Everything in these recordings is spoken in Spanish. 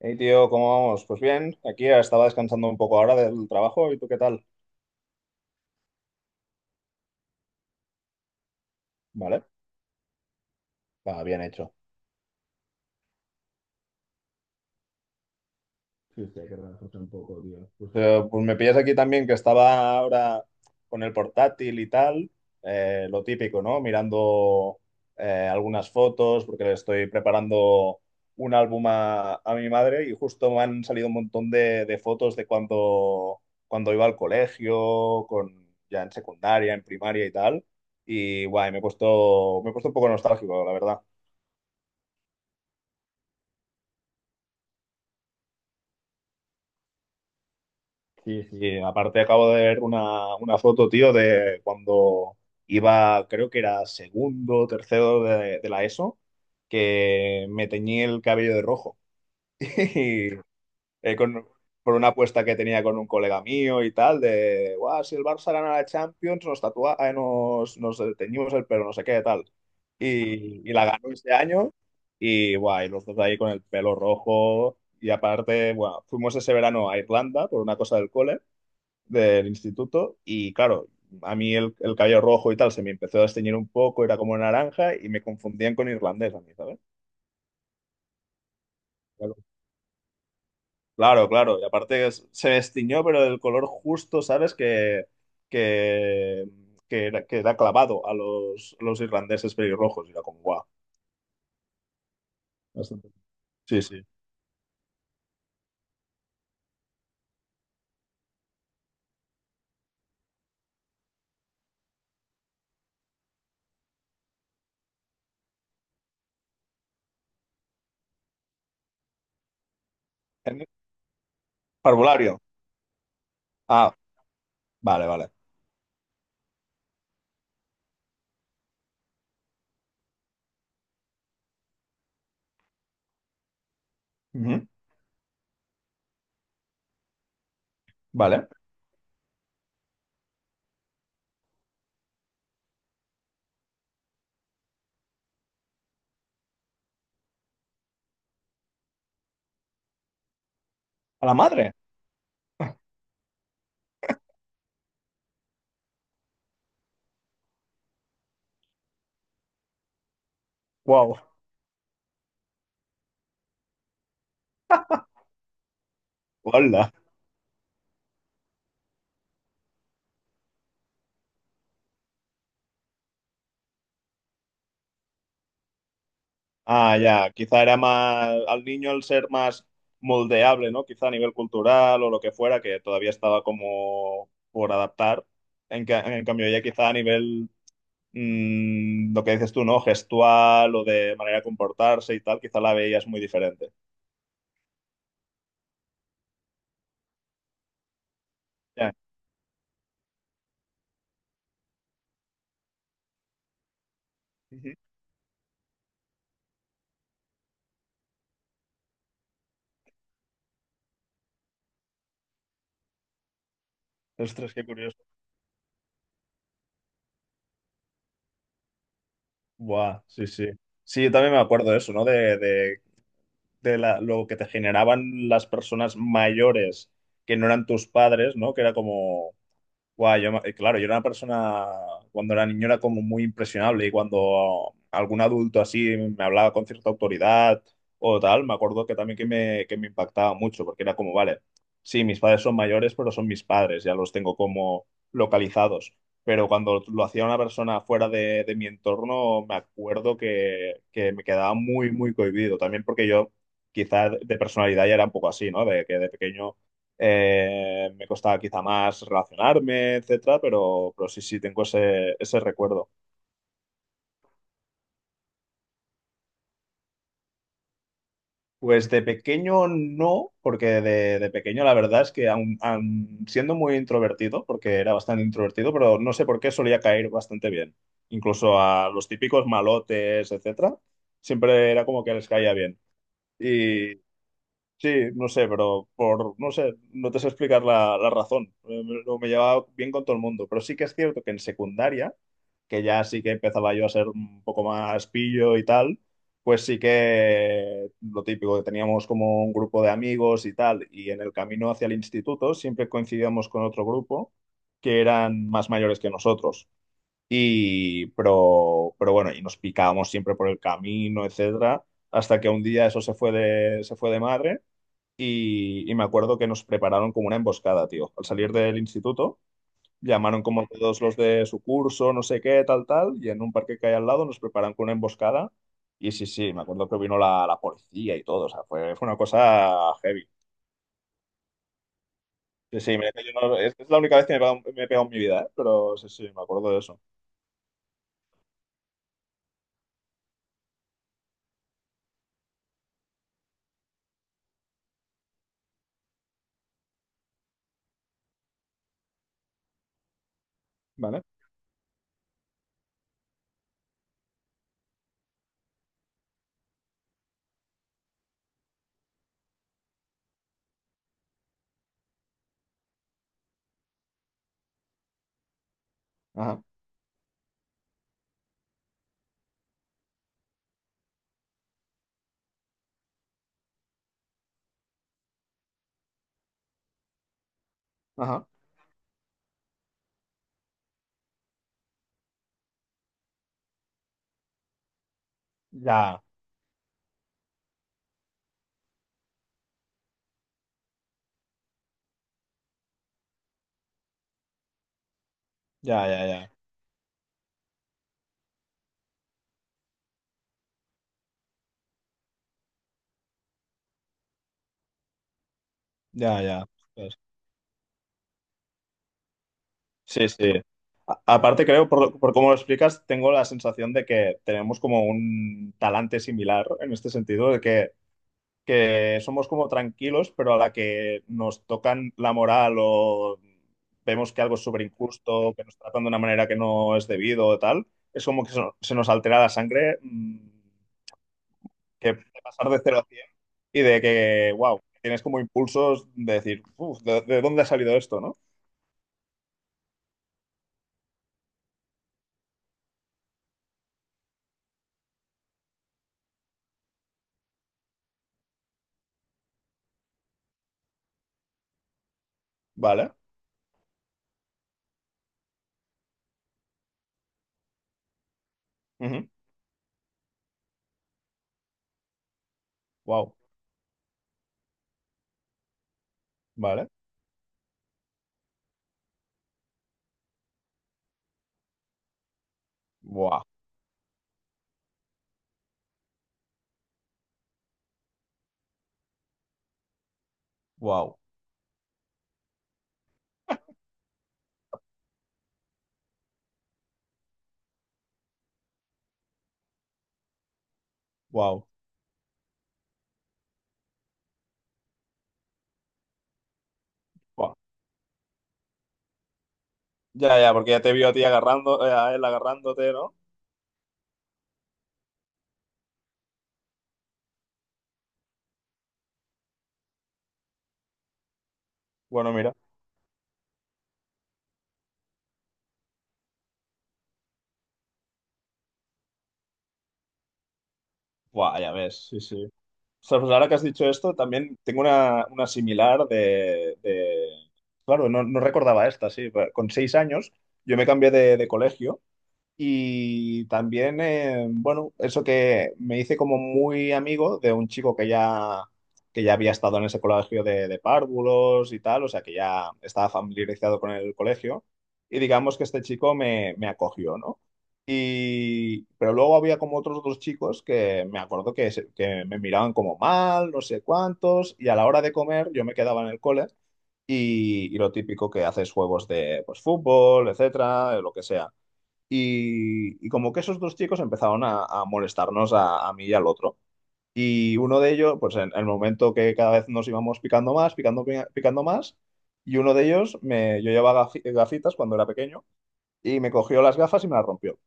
Hey tío, ¿cómo vamos? Pues bien, aquí estaba descansando un poco ahora del trabajo. ¿Y tú qué tal? Vale, va bien hecho. Sí, sí, hay que relajarse un poco, tío. Pues sí, pues me pillas aquí también que estaba ahora con el portátil y tal. Lo típico, ¿no? Mirando algunas fotos porque le estoy preparando un álbum a mi madre, y justo me han salido un montón de fotos de cuando iba al colegio, con, ya en secundaria, en primaria y tal. Y guay, me he puesto un poco nostálgico, la verdad. Sí, sí, aparte acabo de ver una foto, tío, de cuando iba, creo que era segundo, tercero de la ESO, que me teñí el cabello de rojo. Y por una apuesta que tenía con un colega mío y tal, de, guau, si el Barça gana la Champions, nos tatua, nos teñimos el pelo, no sé qué, tal. Y la ganó este año y, guau, y los dos ahí con el pelo rojo. Y aparte, bueno, fuimos ese verano a Irlanda por una cosa del cole del instituto y claro, a mí el cabello rojo y tal se me empezó a desteñir un poco, era como naranja y me confundían con irlandés a mí, ¿sabes? Claro, claro, claro, y aparte se destiñó, pero del color justo, ¿sabes? Que, que era clavado a los irlandeses pelirrojos y era como guau. Bastante. Sí, sí. En- Parvulario. Ah, vale, vale. Ujú. Vale. A la madre. Wow. Hola. Ah, ya, quizá era más al niño, al ser más moldeable, ¿no? Quizá a nivel cultural o lo que fuera, que todavía estaba como por adaptar. En, en cambio, ya quizá a nivel, lo que dices tú, ¿no? Gestual o de manera de comportarse y tal, quizá la veías muy diferente. Ya. Ujú. Ostras, qué curioso. Buah, sí, sí. Sí, yo también me acuerdo de eso, ¿no? De lo que te generaban las personas mayores que no eran tus padres, ¿no? Que era como... Guau, claro, yo era una persona, cuando era niño, era como muy impresionable, y cuando algún adulto así me hablaba con cierta autoridad o tal, me acuerdo que también que me impactaba mucho porque era como, vale, sí, mis padres son mayores, pero son mis padres, ya los tengo como localizados. Pero cuando lo hacía una persona fuera de mi entorno, me acuerdo que me quedaba muy cohibido. También porque yo quizás de personalidad ya era un poco así, ¿no? De que de pequeño me costaba quizá más relacionarme, etcétera, pero sí, sí, tengo ese recuerdo. Pues de pequeño no, porque de pequeño la verdad es que aun siendo muy introvertido, porque era bastante introvertido, pero no sé por qué solía caer bastante bien. Incluso a los típicos malotes, etcétera, siempre era como que les caía bien. Y sí, no sé, pero por, no sé, no te sé explicar la razón. Lo me llevaba bien con todo el mundo, pero sí que es cierto que en secundaria, que ya sí que empezaba yo a ser un poco más pillo y tal, pues sí que lo típico, que teníamos como un grupo de amigos y tal, y en el camino hacia el instituto siempre coincidíamos con otro grupo que eran más mayores que nosotros. Pero bueno, y nos picábamos siempre por el camino, etcétera, hasta que un día eso se fue se fue de madre. Y me acuerdo que nos prepararon como una emboscada, tío. Al salir del instituto, llamaron como todos los de su curso, no sé qué, tal, tal, y en un parque que hay al lado nos preparan con una emboscada. Y sí, sí, me acuerdo que vino la policía y todo, o sea, fue una cosa heavy. Sí, sí, mira que yo no- es la única vez que me he pegado en mi vida, ¿eh? Pero sí, sí, me acuerdo de eso. ¿Vale? Ajá, ajá. Ya, ya, ya, ya, ya, ya. Ostras. Sí, sí. A- aparte, creo, por, por cómo lo explicas, tengo la sensación de que tenemos como un talante similar en este sentido, de que somos como tranquilos, pero a la que nos tocan la moral, o vemos que algo es súper injusto, que nos tratan de una manera que no es debido o tal, es como que se nos altera la sangre, mm, que de pasar de 0 a 100, y de que, wow, tienes como impulsos de decir, "Uf, de dónde ha salido esto, no? Vale, ujú, wow, vale, wow, wow, wow, wow. Ya, ya, porque ya te vio a ti agarrando, a él agarrándote, ¿no? Bueno, mira. Buah, ya ves, sí, sí. O sea, pues ahora que has dicho esto, también tengo una similar claro, no, no recordaba esta, sí. Con 6 años yo me cambié de colegio, y también, bueno, eso, que me hice como muy amigo de un chico que ya había estado en ese colegio de párvulos y tal, o sea, que ya estaba familiarizado con el colegio. Y digamos que este me acogió, ¿no? Y, pero luego había como otros dos chicos que me acuerdo que me miraban como mal, no sé cuántos, y a la hora de comer yo me quedaba en el cole, y lo típico que haces, juegos de pues, fútbol, etcétera, lo que sea. Y como que esos dos chicos empezaron a molestarnos a mí y al otro. Y uno de ellos, pues en el momento que cada vez nos íbamos picando más, picando más, y uno de ellos, me, yo llevaba gafitas cuando era pequeño, y me cogió las gafas y me las rompió,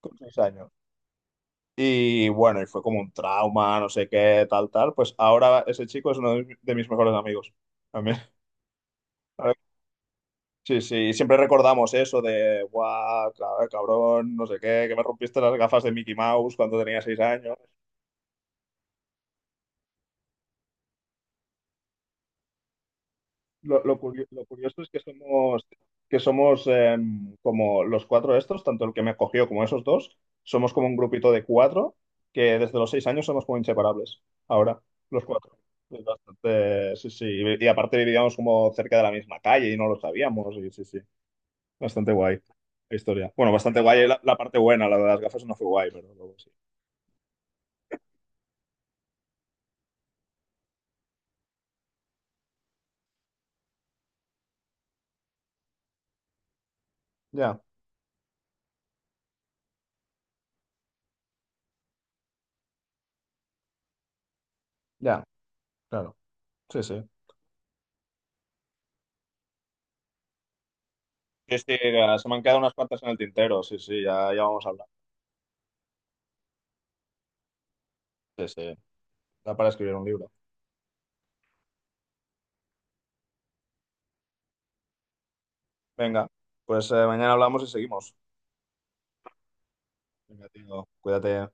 con 6 años. Y bueno, y fue como un trauma, no sé qué, tal, tal. Pues ahora ese chico es uno de mis mejores amigos. También. Sí, sí, y siempre recordamos eso de, guau, ca- cabrón, no sé qué, que me rompiste las gafas de Mickey Mouse cuando tenía 6 años. Lo curioso es que que somos em, como los cuatro estos, tanto el que me cogió como esos dos, somos como un grupito de 4 que desde los 6 años somos como inseparables. Ahora, los 4. Es bastante, sí, sí, y aparte vivíamos como cerca de la misma calle y no lo sabíamos, y sí, sí, bastante guay la historia. Bueno, bastante guay la parte buena, la de las gafas no fue guay, pero... Ya, ya, claro. Sí, sí. Sí, sí, se me han quedado unas cuantas en el tintero, sí, sí, ya, ya vamos a hablar. Sí, sí. Da para escribir un libro. Venga, pues mañana hablamos y seguimos. Venga, tío, cuídate.